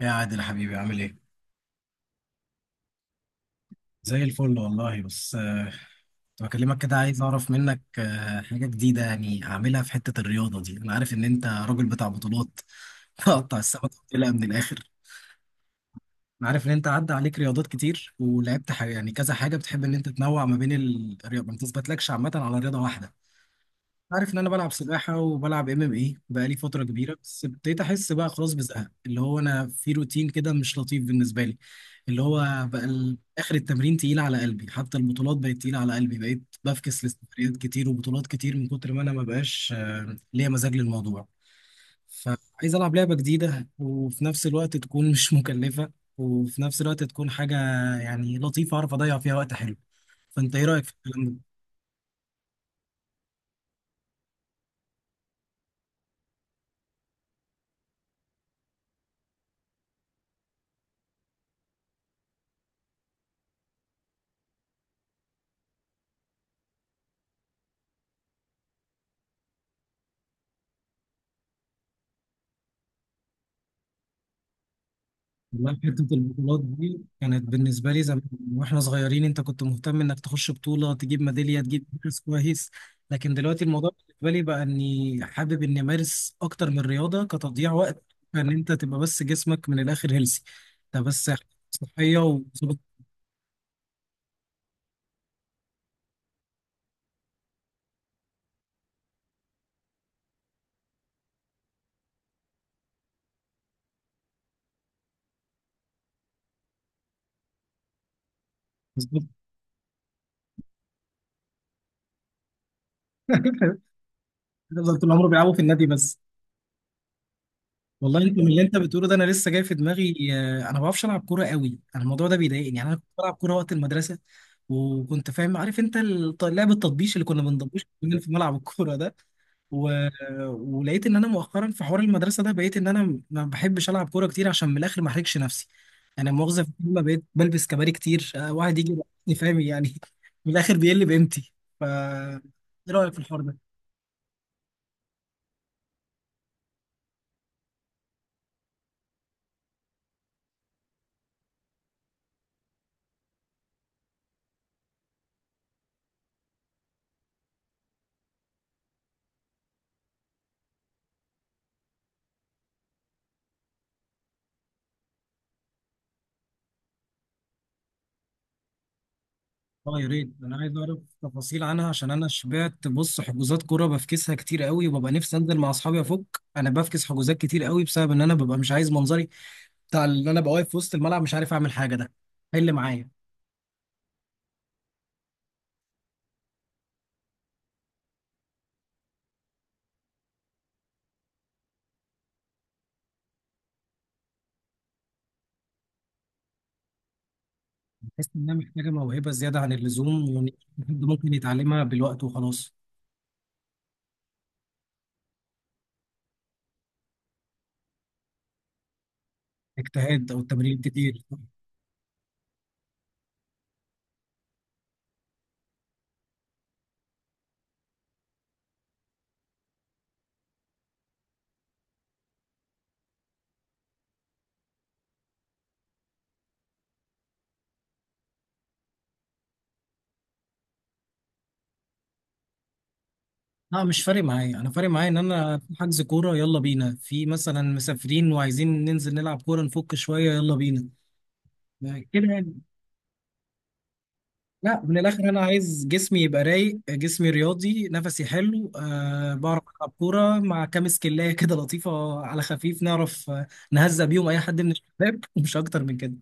يا عادل حبيبي عامل ايه؟ زي الفل والله. بس كنت بكلمك كده عايز اعرف منك حاجة جديدة يعني اعملها في حتة الرياضة دي، انا عارف ان انت راجل بتاع بطولات. تقطع السمكة وتقلها من الاخر. انا عارف ان انت عدى عليك رياضات كتير ولعبت حاجة يعني كذا حاجة، بتحب ان انت تنوع ما بين الرياضة، ما بتثبتلكش عامة على رياضة واحدة. عارف ان انا بلعب سباحة وبلعب ام ام اي بقالي فترة كبيرة، بس ابتديت احس بقى خلاص بزهق، اللي هو انا في روتين كده مش لطيف بالنسبة لي. اللي هو بقى اخر التمرين تقيل على قلبي، حتى البطولات بقت تقيله على قلبي، بقيت بفكس لسفريات كتير وبطولات كتير من كتر ما انا ما بقاش ليا مزاج للموضوع. فعايز العب لعبه جديده، وفي نفس الوقت تكون مش مكلفه، وفي نفس الوقت تكون حاجه يعني لطيفه اعرف اضيع فيها وقت حلو. فانت ايه رايك في الكلام ده؟ والله حتة البطولات دي كانت بالنسبة لي زمان واحنا صغيرين، انت كنت مهتم انك تخش بطولة تجيب ميدالية تجيب مركز كويس. لكن دلوقتي الموضوع بالنسبة لي بقى اني حابب اني امارس اكتر من رياضة كتضييع وقت، ان انت تبقى بس جسمك من الاخر هيلسي. ده بس صحية وظبط. بالظبط. تفضل طول عمره بيلعبوا في النادي بس. والله انت من اللي انت بتقوله ده، انا لسه جاي في دماغي انا ما بعرفش العب كوره قوي، انا الموضوع ده بيضايقني. يعني انا كنت بلعب كوره وقت المدرسه وكنت فاهم عارف انت لعب التطبيش اللي كنا بنضبش في ملعب الكوره ده و... ولقيت ان انا مؤخرا في حوار المدرسه ده، بقيت ان انا ما بحبش العب كوره كتير عشان من الاخر ما احرجش نفسي. انا مؤاخذه في الكلمه، بقيت بلبس كباري كتير، واحد يجي يلاقيني فاهم يعني من الاخر بيقل بقيمتي. ف ايه رايك في الحوار ده؟ اه يا ريت، انا عايز اعرف تفاصيل عنها عشان انا شبعت. بص، حجوزات كوره بفكسها كتير قوي وببقى نفسي انزل مع اصحابي افك. انا بفكس حجوزات كتير قوي بسبب ان انا ببقى مش عايز منظري بتاع ان انا ببقى واقف في وسط الملعب مش عارف اعمل حاجه. ده حل معايا. بحس انها محتاجه موهبه زياده عن اللزوم، وإن حد ممكن يتعلمها بالوقت وخلاص. اجتهاد او تمرين كتير. لا، مش فارق معايا. انا فارق معايا ان انا في حجز كوره يلا بينا، في مثلا مسافرين وعايزين ننزل نلعب كوره نفك شويه، يلا بينا كده يعني. لا من الاخر، انا عايز جسمي يبقى رايق، جسمي رياضي، نفسي حلو، أه بعرف العب كوره مع كام سكلايه كده لطيفه على خفيف، نعرف نهزق بيهم اي حد من الشباب ومش اكتر من كده.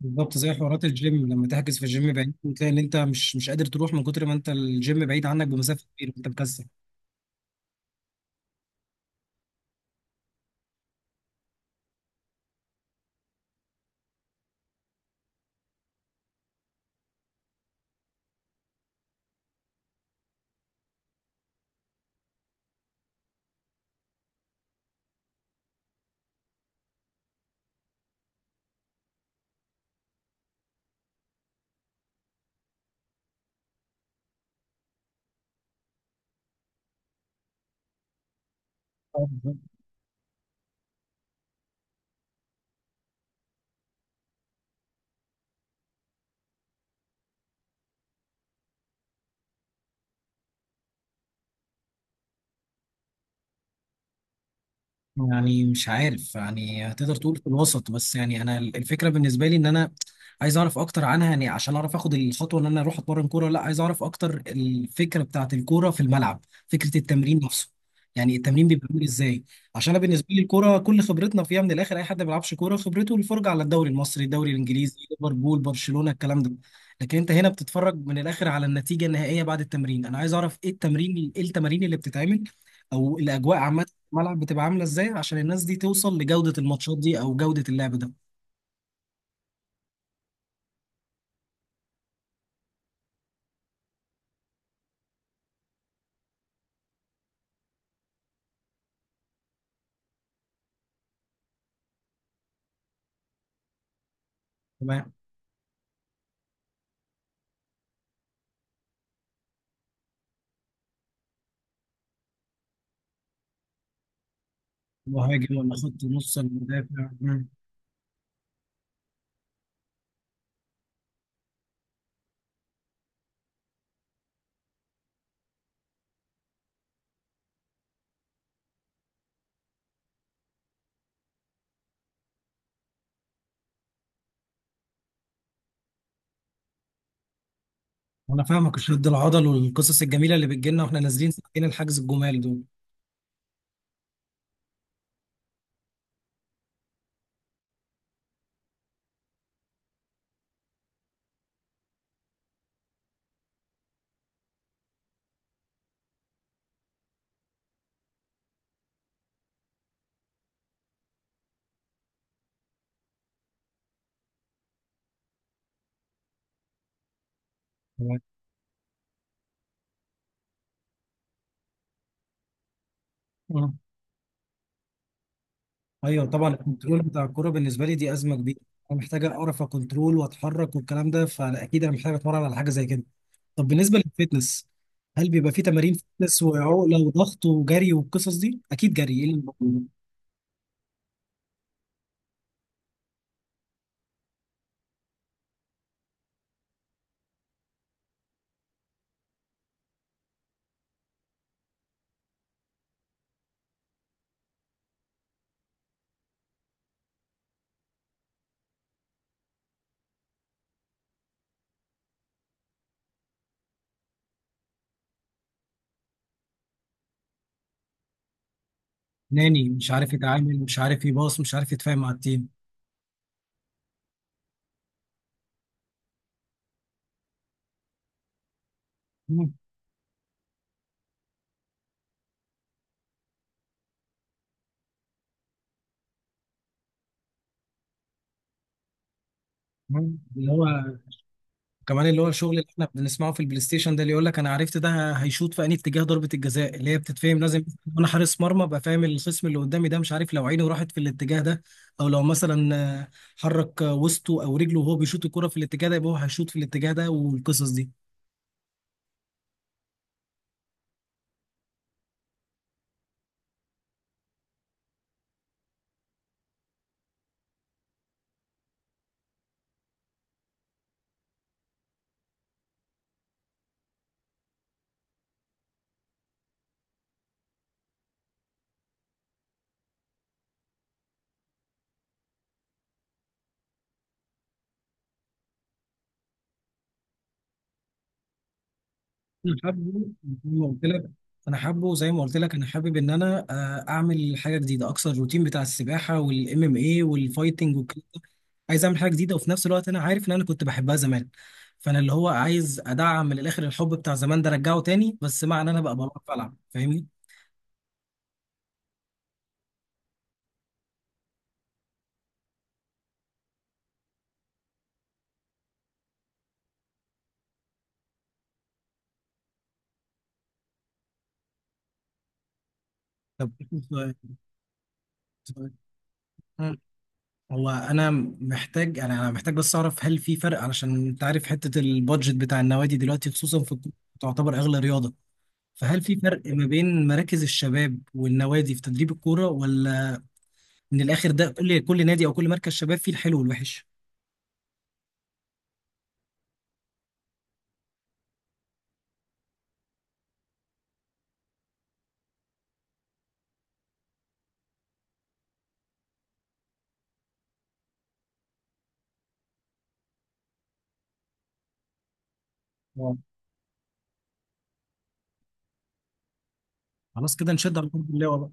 بالظبط زي حوارات الجيم لما تحجز في الجيم بعيد وتلاقي ان انت مش قادر تروح من كتر ما انت الجيم بعيد عنك بمسافه كبيره انت مكسل. يعني مش عارف، يعني هتقدر تقول في الوسط. بس يعني انا الفكره بالنسبه لي ان انا عايز اعرف اكتر عنها يعني عشان اعرف اخد الخطوه ان انا اروح اتمرن كوره ولا لا. عايز اعرف اكتر الفكره بتاعت الكوره في الملعب، فكره التمرين نفسه. يعني التمرين بيبقى عامل ازاي؟ عشان انا بالنسبه لي الكوره كل خبرتنا فيها من الاخر، اي حد ما بيلعبش كوره خبرته الفرجه على الدوري المصري، الدوري الانجليزي، ليفربول، برشلونه، الكلام ده. لكن انت هنا بتتفرج من الاخر على النتيجه النهائيه بعد التمرين. انا عايز اعرف ايه التمرين، ايه التمارين اللي بتتعمل، او الاجواء عامه الملعب بتبقى عامله ازاي عشان الناس دي توصل لجوده الماتشات دي او جوده اللعب ده. تمام. مهاجم ولا خط نص ولا مدافع. مم. انا فاهمك، شد العضل والقصص الجميله اللي بتجيلنا واحنا نازلين ساعتين الحجز، الجمال دول. تمام. مم. ايوه طبعا، الكنترول بتاع الكوره بالنسبه لي دي ازمه كبيره. انا محتاج اعرف اكنترول واتحرك والكلام ده، فاكيد انا محتاج اتمرن على حاجه زي كده. طب بالنسبه للفتنس، هل بيبقى في تمارين فتنس وعقله وضغط وجري والقصص دي؟ اكيد جري، ايه اللي موجود؟ ناني مش عارف يتعامل، مش عارف يباص، مش عارف يتفاهم مع التيم. مم. مم. اللي هو كمان اللي هو الشغل اللي احنا بنسمعه في البلاي ستيشن ده، اللي يقول لك انا عرفت ده هيشوط في انهي اتجاه. ضربة الجزاء اللي هي بتتفهم، لازم انا حارس مرمى ابقى فاهم الخصم اللي قدامي ده، مش عارف لو عينه راحت في الاتجاه ده، او لو مثلا آه، حرك وسطه او رجله وهو بيشوط الكرة في الاتجاه ده، يبقى هو هيشوط في الاتجاه ده، والقصص دي. انا حابه زي ما قلت لك، انا حابه زي ما قلت لك، انا حابب ان انا اعمل حاجه جديده، اكسر الروتين بتاع السباحه والام ام اي والفايتنج والكلام ده. عايز اعمل حاجه جديده، وفي نفس الوقت انا عارف ان انا كنت بحبها زمان. فانا اللي هو عايز ادعم من الاخر الحب بتاع زمان ده، ارجعه تاني، بس مع ان انا بقى بعرف العب، فاهمني؟ طب سؤال- سؤال. مم. هو انا محتاج، يعني انا محتاج بس اعرف هل في فرق، علشان انت عارف حته البادجت بتاع النوادي دلوقتي خصوصا في الكورة تعتبر اغلى رياضه. فهل في فرق ما بين مراكز الشباب والنوادي في تدريب الكورة، ولا من الآخر ده كل نادي أو كل مركز شباب فيه الحلو والوحش؟ آه. خلاص كده نشد على قلب اللاوة بقى.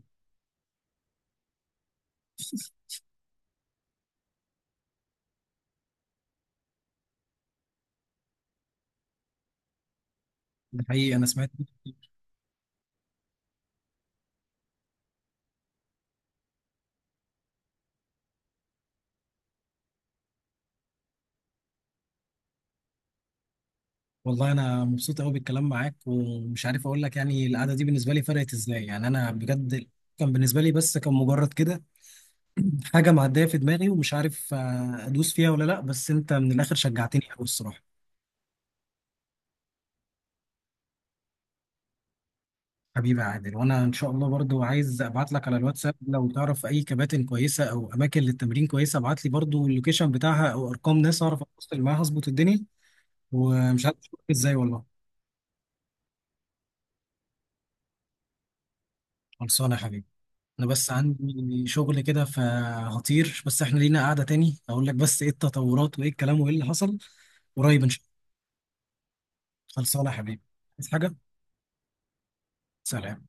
ده حقيقي، أنا سمعت. والله أنا مبسوط قوي بالكلام معاك، ومش عارف أقول لك يعني القعدة دي بالنسبة لي فرقت إزاي يعني. أنا بجد كان بالنسبة لي بس كان مجرد كده حاجة معدية في دماغي، ومش عارف أدوس فيها ولا لأ، بس أنت من الآخر شجعتني قوي الصراحة. حبيبي يا عادل، وانا ان شاء الله برضو عايز ابعت لك على الواتساب لو تعرف اي كباتن كويسه او اماكن للتمرين كويسه، ابعت لي برضو اللوكيشن بتاعها او ارقام ناس اعرف اتواصل معاها اظبط الدنيا. ومش عارف أشوفك ازاي والله. خلصانه يا حبيبي. انا بس عندي شغل كده فهطير، بس احنا لينا قعده تاني اقول لك بس ايه التطورات وايه الكلام وايه اللي حصل. قريب ان شاء الله. خلصانه يا حبيبي. عايز حاجه؟ سلام.